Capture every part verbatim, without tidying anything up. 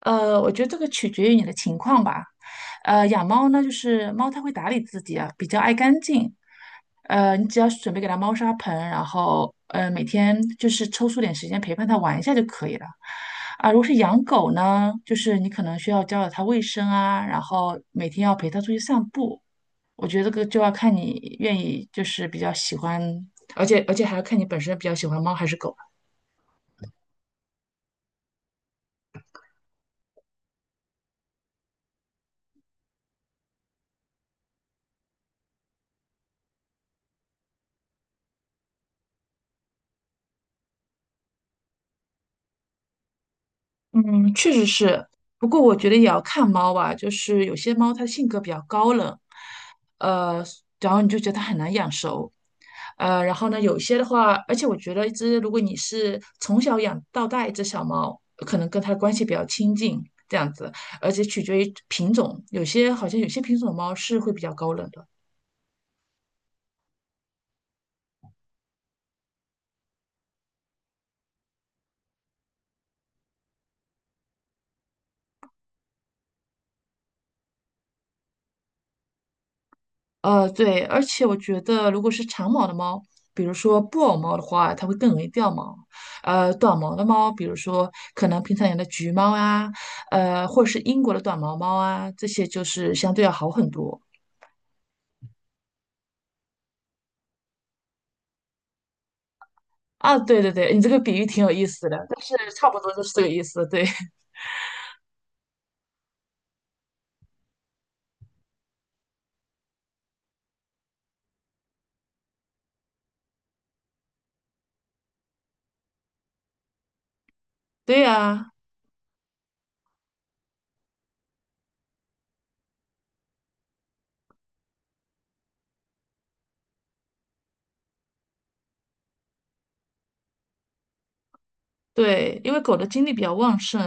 呃，我觉得这个取决于你的情况吧。呃，养猫呢，就是猫它会打理自己啊，比较爱干净。呃，你只要准备给它猫砂盆，然后呃每天就是抽出点时间陪伴它玩一下就可以了。啊，如果是养狗呢，就是你可能需要教导它卫生啊，然后每天要陪它出去散步。我觉得这个就要看你愿意，就是比较喜欢，而且而且还要看你本身比较喜欢猫还是狗。嗯，确实是，不过我觉得也要看猫吧，就是有些猫它性格比较高冷，呃，然后你就觉得它很难养熟，呃，然后呢，有些的话，而且我觉得一只如果你是从小养到大一只小猫，可能跟它的关系比较亲近这样子，而且取决于品种，有些好像有些品种的猫是会比较高冷的。呃，对，而且我觉得，如果是长毛的猫，比如说布偶猫的话，它会更容易掉毛。呃，短毛的猫，比如说可能平常养的橘猫啊，呃，或者是英国的短毛猫啊，这些就是相对要好很多。啊，对对对，你这个比喻挺有意思的，但是差不多就是这个意思。对，对呀、对，因为狗的精力比较旺盛，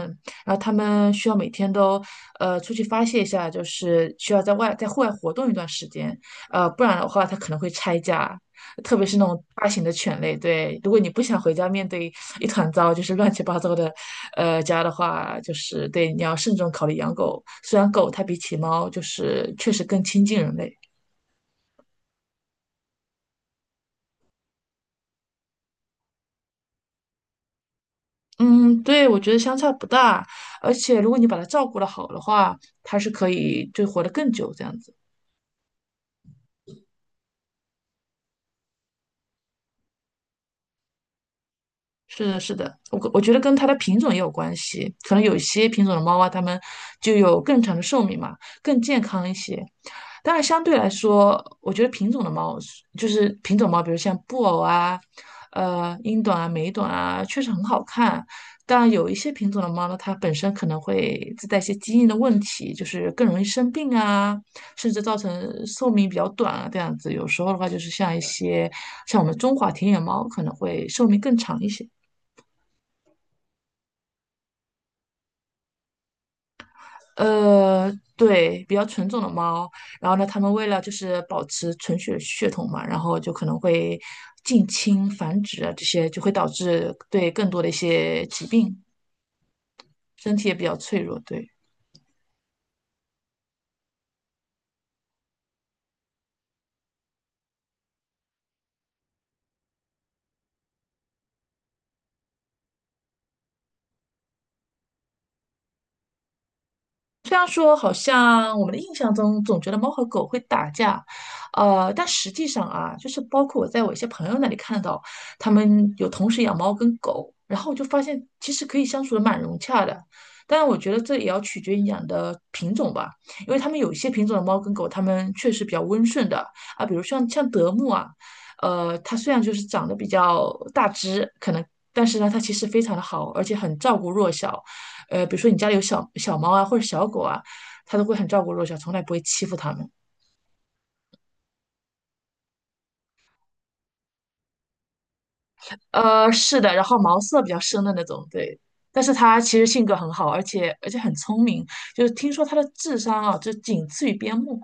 然后它们需要每天都呃出去发泄一下，就是需要在外在户外活动一段时间，呃，不然的话它可能会拆家，特别是那种大型的犬类。对，如果你不想回家面对一团糟，就是乱七八糟的呃家的话，就是对你要慎重考虑养狗。虽然狗它比起猫就是确实更亲近人类。嗯，对，我觉得相差不大，而且如果你把它照顾得好的话，它是可以就活得更久这样子。是的，是的，我我觉得跟它的品种也有关系，可能有一些品种的猫啊，它们就有更长的寿命嘛，更健康一些。当然，相对来说，我觉得品种的猫是就是品种猫，比如像布偶啊、呃英短啊、美短啊，确实很好看。但有一些品种的猫呢，它本身可能会自带一些基因的问题，就是更容易生病啊，甚至造成寿命比较短啊，这样子。有时候的话，就是像一些像我们中华田园猫，可能会寿命更长一些。呃，对，比较纯种的猫。然后呢，它们为了就是保持纯血血统嘛，然后就可能会近亲繁殖啊，这些就会导致对更多的一些疾病，身体也比较脆弱。对。虽然说好像我们的印象中总觉得猫和狗会打架，呃，但实际上啊，就是包括我在我一些朋友那里看到，他们有同时养猫跟狗，然后我就发现其实可以相处的蛮融洽的。当然，我觉得这也要取决于你养的品种吧，因为他们有一些品种的猫跟狗，它们确实比较温顺的啊，比如像像德牧啊，呃，它虽然就是长得比较大只，可能，但是呢，它其实非常的好，而且很照顾弱小。呃，比如说你家里有小小猫啊或者小狗啊，它都会很照顾弱小，从来不会欺负它们。呃，是的，然后毛色比较深的那种，对。但是它其实性格很好，而且而且很聪明，就是听说它的智商啊，就仅次于边牧。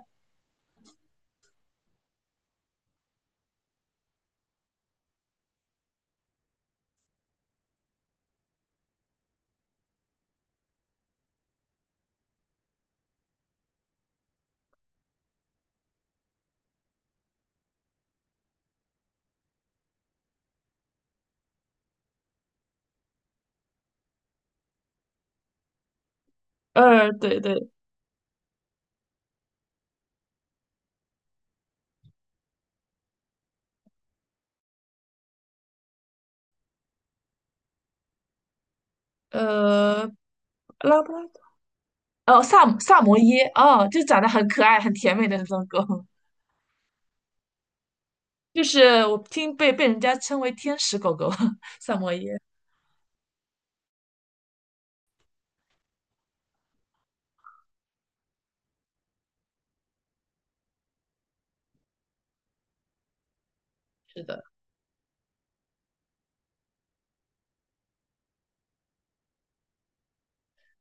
呃，对对，呃，拉布拉多，哦，萨姆萨摩耶，哦，就长得很可爱、很甜美的那种狗，就是我听被被人家称为天使狗狗，萨摩耶。是的。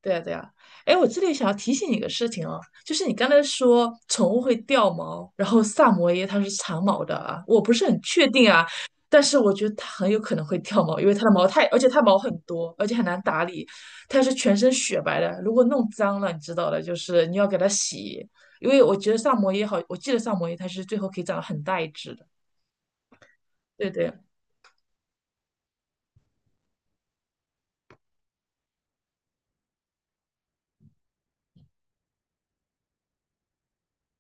对呀，对呀，哎，我这里想要提醒你一个事情哦，就是你刚才说宠物会掉毛，然后萨摩耶它是长毛的啊，我不是很确定啊，但是我觉得它很有可能会掉毛，因为它的毛太，而且它毛很多，而且很难打理，它是全身雪白的，如果弄脏了，你知道的，就是你要给它洗，因为我觉得萨摩耶好，我记得萨摩耶它是最后可以长得很大一只的，对对。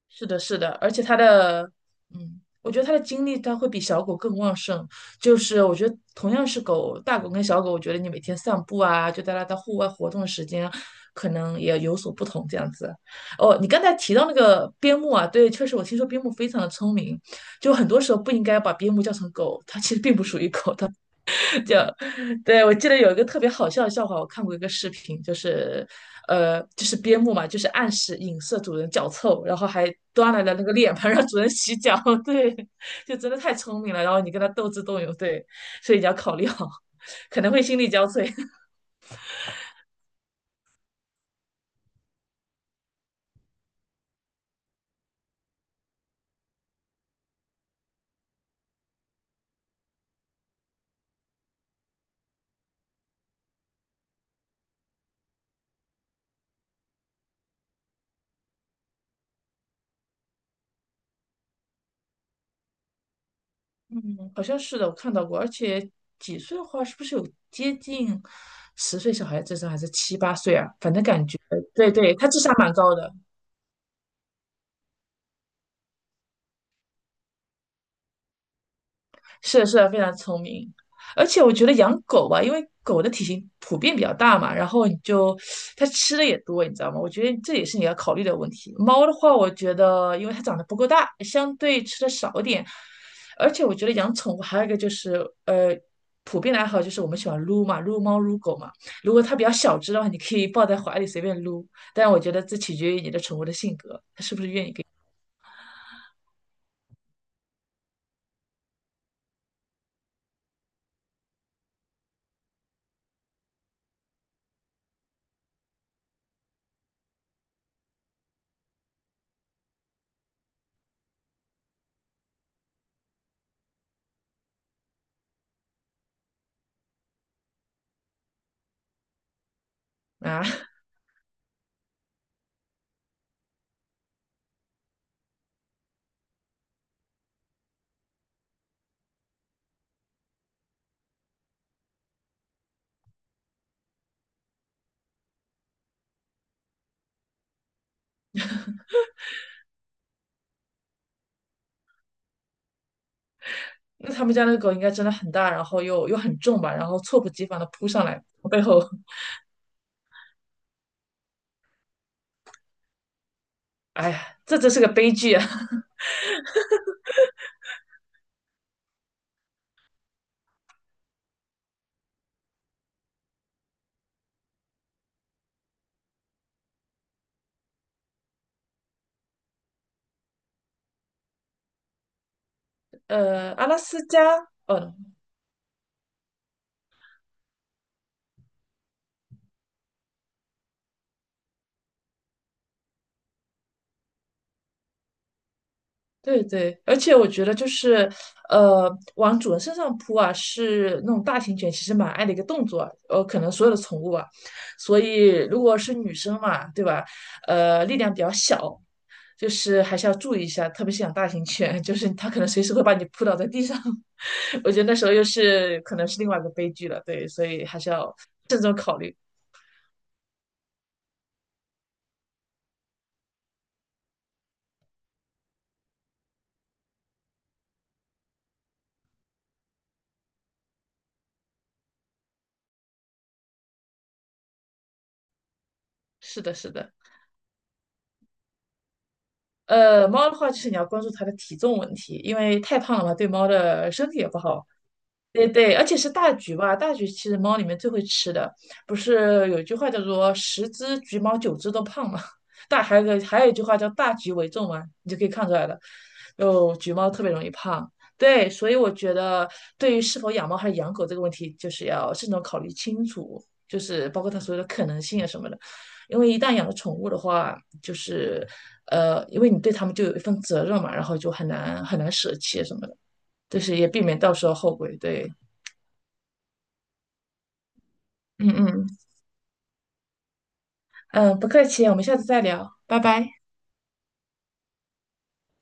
是的，是的，而且它的，嗯，我觉得它的精力它会比小狗更旺盛。就是我觉得同样是狗，大狗跟小狗，我觉得你每天散步啊，就带它到户外活动的时间，可能也有所不同这样子。哦，你刚才提到那个边牧啊，对，确实我听说边牧非常的聪明，就很多时候不应该把边牧叫成狗，它其实并不属于狗，它 就对我记得有一个特别好笑的笑话，我看过一个视频，就是呃，就是边牧嘛，就是暗示影射主人脚臭，然后还端来了那个脸盆让主人洗脚，对，就真的太聪明了。然后你跟他斗智斗勇，对，所以你要考虑好，可能会心力交瘁。嗯，好像是的，我看到过，而且几岁的话，是不是有接近十岁小孩的智商，还是七八岁啊？反正感觉，对对，他智商蛮高的。是的，是的，非常聪明。而且我觉得养狗吧，因为狗的体型普遍比较大嘛，然后你就它吃的也多，你知道吗？我觉得这也是你要考虑的问题。猫的话，我觉得因为它长得不够大，相对吃的少一点。而且我觉得养宠物还有一个就是，呃，普遍的爱好就是我们喜欢撸嘛，撸猫撸狗嘛。如果它比较小只的话，你可以抱在怀里随便撸，但我觉得这取决于你的宠物的性格啊。那他们家那个狗应该真的很大，然后又又很重吧，然后猝不及防的扑上来，从背后，哎呀，这真是个悲剧啊！呃，阿拉斯加，哦对对，而且我觉得就是，呃，往主人身上扑啊，是那种大型犬其实蛮爱的一个动作啊，呃，可能所有的宠物啊，所以如果是女生嘛，对吧？呃，力量比较小，就是还是要注意一下，特别是养大型犬，就是它可能随时会把你扑倒在地上，我觉得那时候又是可能是另外一个悲剧了，对，所以还是要慎重考虑。是的，是的。呃，猫的话，就是你要关注它的体重问题，因为太胖了嘛，对猫的身体也不好。对对，而且是大橘吧，大橘其实猫里面最会吃的，不是有一句话叫做“十只橘猫，九只都胖”嘛，大还有个还有一句话叫“大橘为重”嘛，你就可以看出来了，就橘猫特别容易胖。对，所以我觉得对于是否养猫还是养狗这个问题，就是要慎重考虑清楚，就是包括它所有的可能性啊什么的。因为一旦养了宠物的话，就是呃，因为你对它们就有一份责任嘛，然后就很难很难舍弃啊什么的，就是也避免到时候后悔。对。嗯嗯嗯，呃不客气，我们下次再聊，拜拜。